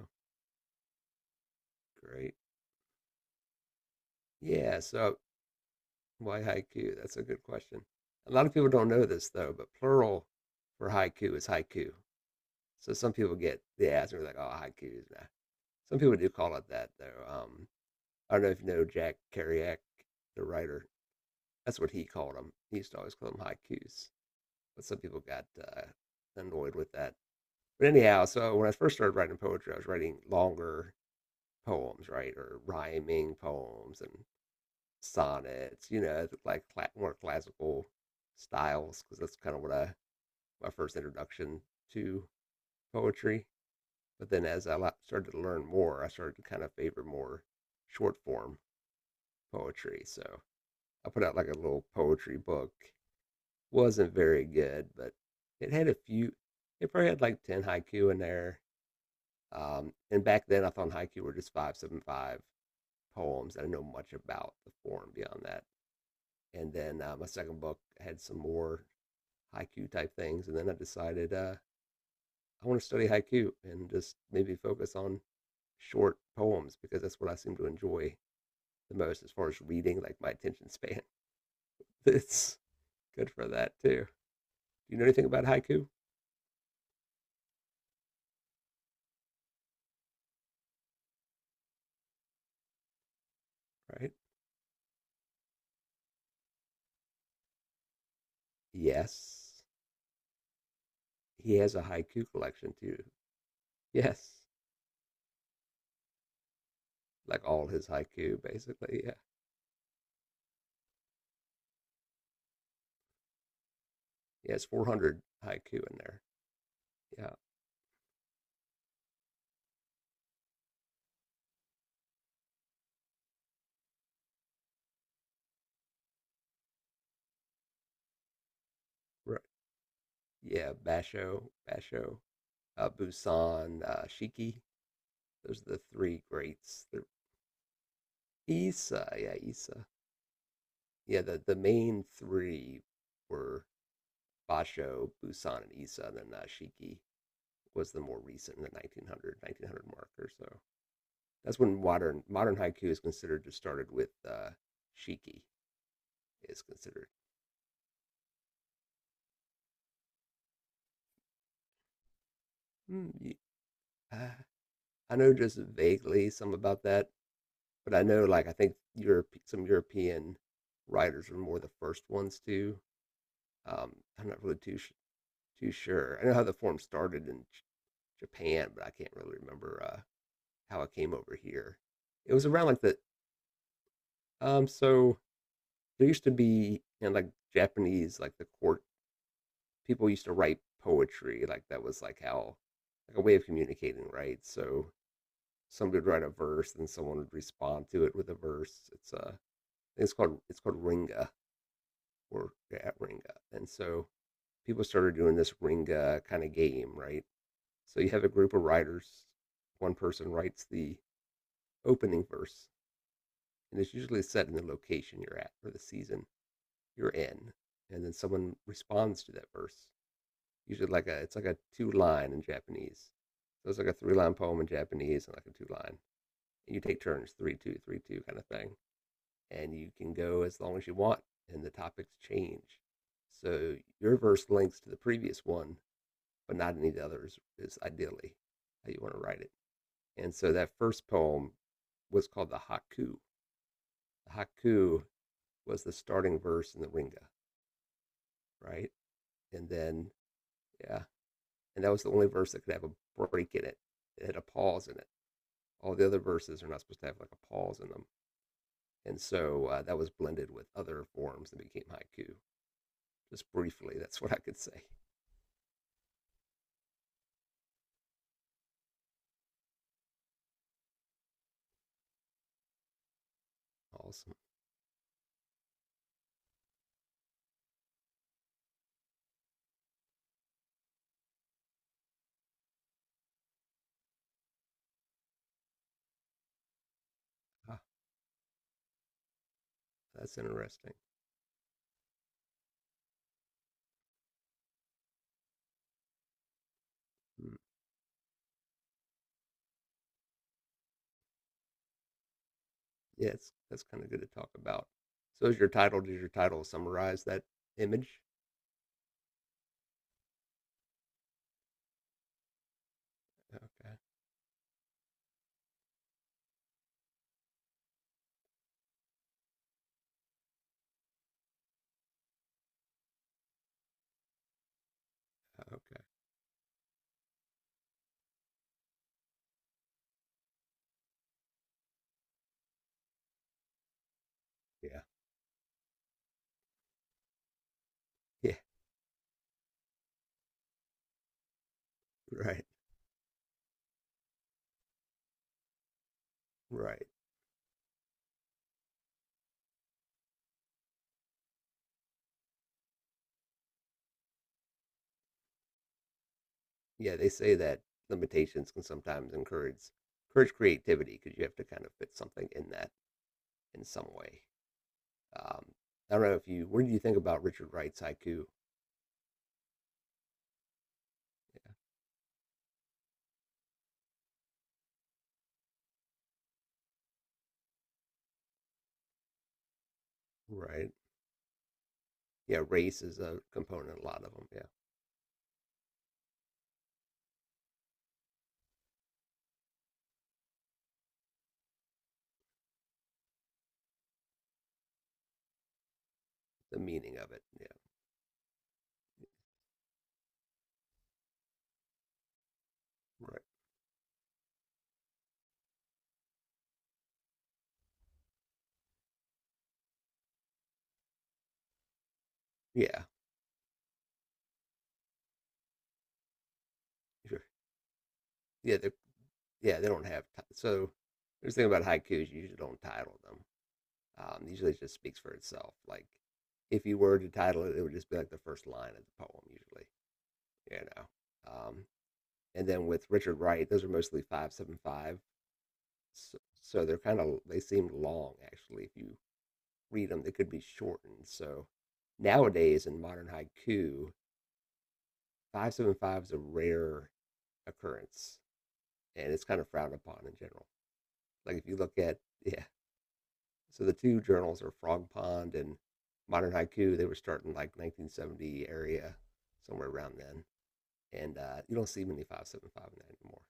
Oh, great. Yeah, so why haiku? That's a good question. A lot of people don't know this though, but plural for haiku is haiku. So some people get the ask me like, "Oh, haikus." Nah. Some people do call it that though. I don't know if you know Jack Kerouac, the writer. That's what he called them. He used to always call them haikus, but some people got annoyed with that. But anyhow, so when I first started writing poetry, I was writing longer poems, right, or rhyming poems and sonnets. You know, like more classical styles, because that's kind of what I my first introduction to poetry. But then as I started to learn more, I started to kind of favor more short form poetry. So I put out like a little poetry book. Wasn't very good, but it had a few it probably had like 10 haiku in there. And back then I found haiku were just 575 poems. I didn't know much about the form beyond that. And then my second book had some more haiku type things. And then I decided I want to study haiku and just maybe focus on short poems because that's what I seem to enjoy the most as far as reading, like my attention span. It's good for that too. Do you know anything about haiku? Right? Yes. He has a haiku collection too. Yes, like all his haiku, basically. Yeah, yeah, it's 400 haiku in there. Yeah, right. Yeah, Basho, Busan, Shiki. Those are the three greats. The Issa. Yeah, the main three were Basho, Busan, and Issa, and then Shiki was the more recent in the nineteen hundred nineteen hundred 1900 mark or so. That's when modern haiku is considered to started with Shiki is considered. Mm, ye uh, I know just vaguely some about that, but I know, like, I think Europe some European writers were more the first ones to. Um, I'm not really too sure. I know how the form started in J Japan, but I can't really remember, how it came over here. It was around like the so there used to be in, like, Japanese, like, the court people used to write poetry, like, that was, like, how like, a way of communicating, right? So somebody would write a verse and someone would respond to it with a verse. It's it's called Ringa or at Ringa. And so people started doing this Ringa kind of game, right? So you have a group of writers. One person writes the opening verse, and it's usually set in the location you're at or the season you're in, and then someone responds to that verse. Usually, like a it's like a two line in Japanese. So it's like a three line poem in Japanese and like a two line. And you take turns, 3-2, 3-2 kind of thing, and you can go as long as you want, and the topics change. So your verse links to the previous one, but not any of the others, is ideally how you want to write it. And so that first poem was called the haiku. The haiku was the starting verse in the Ringa, right? And then, yeah, and that was the only verse that could have a break in it. It had a pause in it. All the other verses are not supposed to have like a pause in them. And so that was blended with other forms and became haiku. Just briefly, that's what I could say. Awesome. Ah, that's interesting. Hmm. Yeah, that's kind of good to talk about. So, is your title? Does your title summarize that image? Okay. Okay. Yeah. Yeah. Right. Right. Yeah. They say that limitations can sometimes encourage creativity because you have to kind of fit something in some way. Um, I don't know if you. What do you think about Richard Wright's haiku? Right. Yeah. Race is a component. A lot of them. Yeah. The meaning of it. Yeah. Right. Yeah. Sure. Yeah. The Yeah, they don't have so. There's the thing about haikus; you usually don't title them. Usually, it just speaks for itself. Like, if you were to title it, it would just be like the first line of the poem, usually. You know, um, and then with Richard Wright, those are mostly 5-7-5, so they're kind of they seem long actually. If you read them, they could be shortened. So nowadays in modern haiku, 5-7-5 is a rare occurrence, and it's kind of frowned upon in general. Like if you look at Yeah. So the two journals are Frog Pond and Modern Haiku. They were starting like 1970 area, somewhere around then. And you don't see many 575 in that anymore.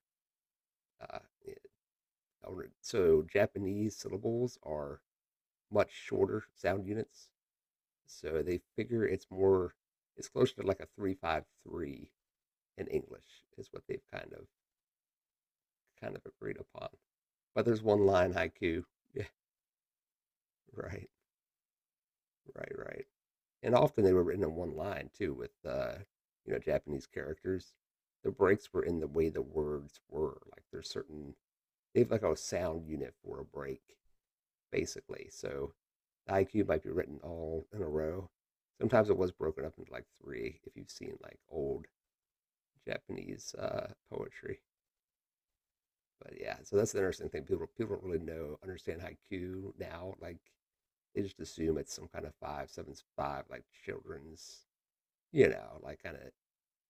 Uh, it- so Japanese syllables are much shorter sound units. So they figure it's closer to like a 353 in English is what they've kind of agreed upon. But there's one line haiku. Yeah, right, right, right. And often they were written in one line too with Japanese characters. The breaks were in the way the words were, like there's certain they have like a sound unit for a break basically. So the iq might be written all in a row. Sometimes it was broken up into like three if you've seen like old Japanese poetry. But yeah, so that's the interesting thing. People don't really know understand haiku now, like they just assume it's some kind of 5-7-5, like children's, you know, like kind of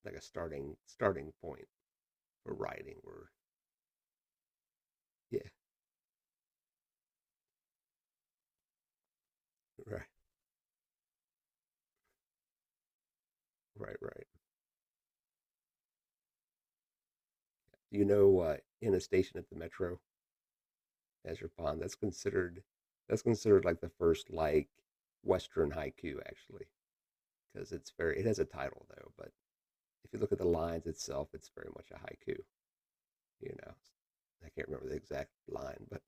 like a starting point for riding or yeah. Right, right, right. You know, in a station at the metro, as your pond, that's considered like the first like western haiku actually, because it has a title though. But if you look at the lines itself, it's very much a haiku, you know. I can't remember the exact line, but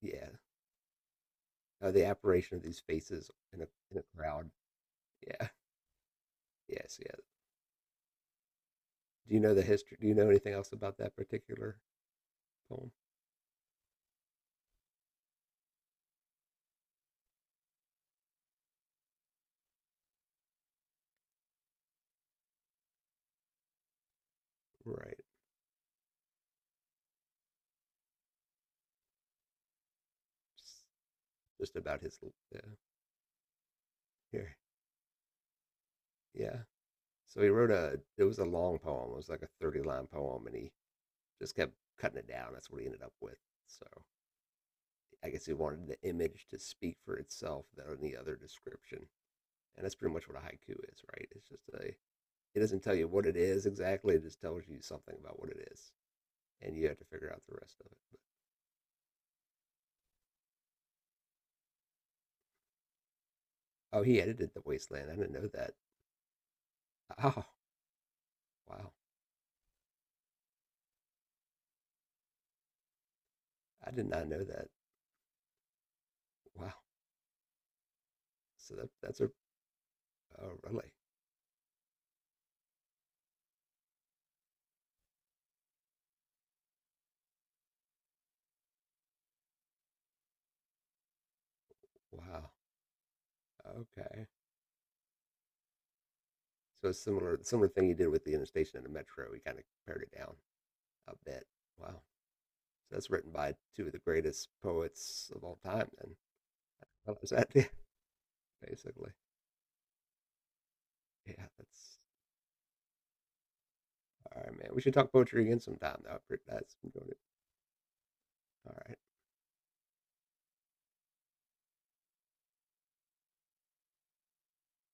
yeah. The apparition of these faces in a crowd. Yeah. Yes, yeah. Do you know anything else about that particular poem? Right, just about his uh, here. Yeah. So he wrote a. It was a long poem. It was like a 30-line poem, and he just kept cutting it down. That's what he ended up with. So I guess he wanted the image to speak for itself than any other description, and that's pretty much what a haiku is, right? It's just a. It doesn't tell you what it is exactly. It just tells you something about what it is, and you have to figure out the rest of it. But, oh, he edited the Wasteland. I didn't know that. Oh, wow. I did not know that. Wow. So that's a oh, really. Wow. Okay. So similar thing you did with the Interstation and the Metro, we kind of pared it down a bit. Wow. So that's written by two of the greatest poets of all time. Then, well, is that yeah, basically? Yeah. That's all right, man. We should talk poetry again sometime, though. I've enjoyed it. All right.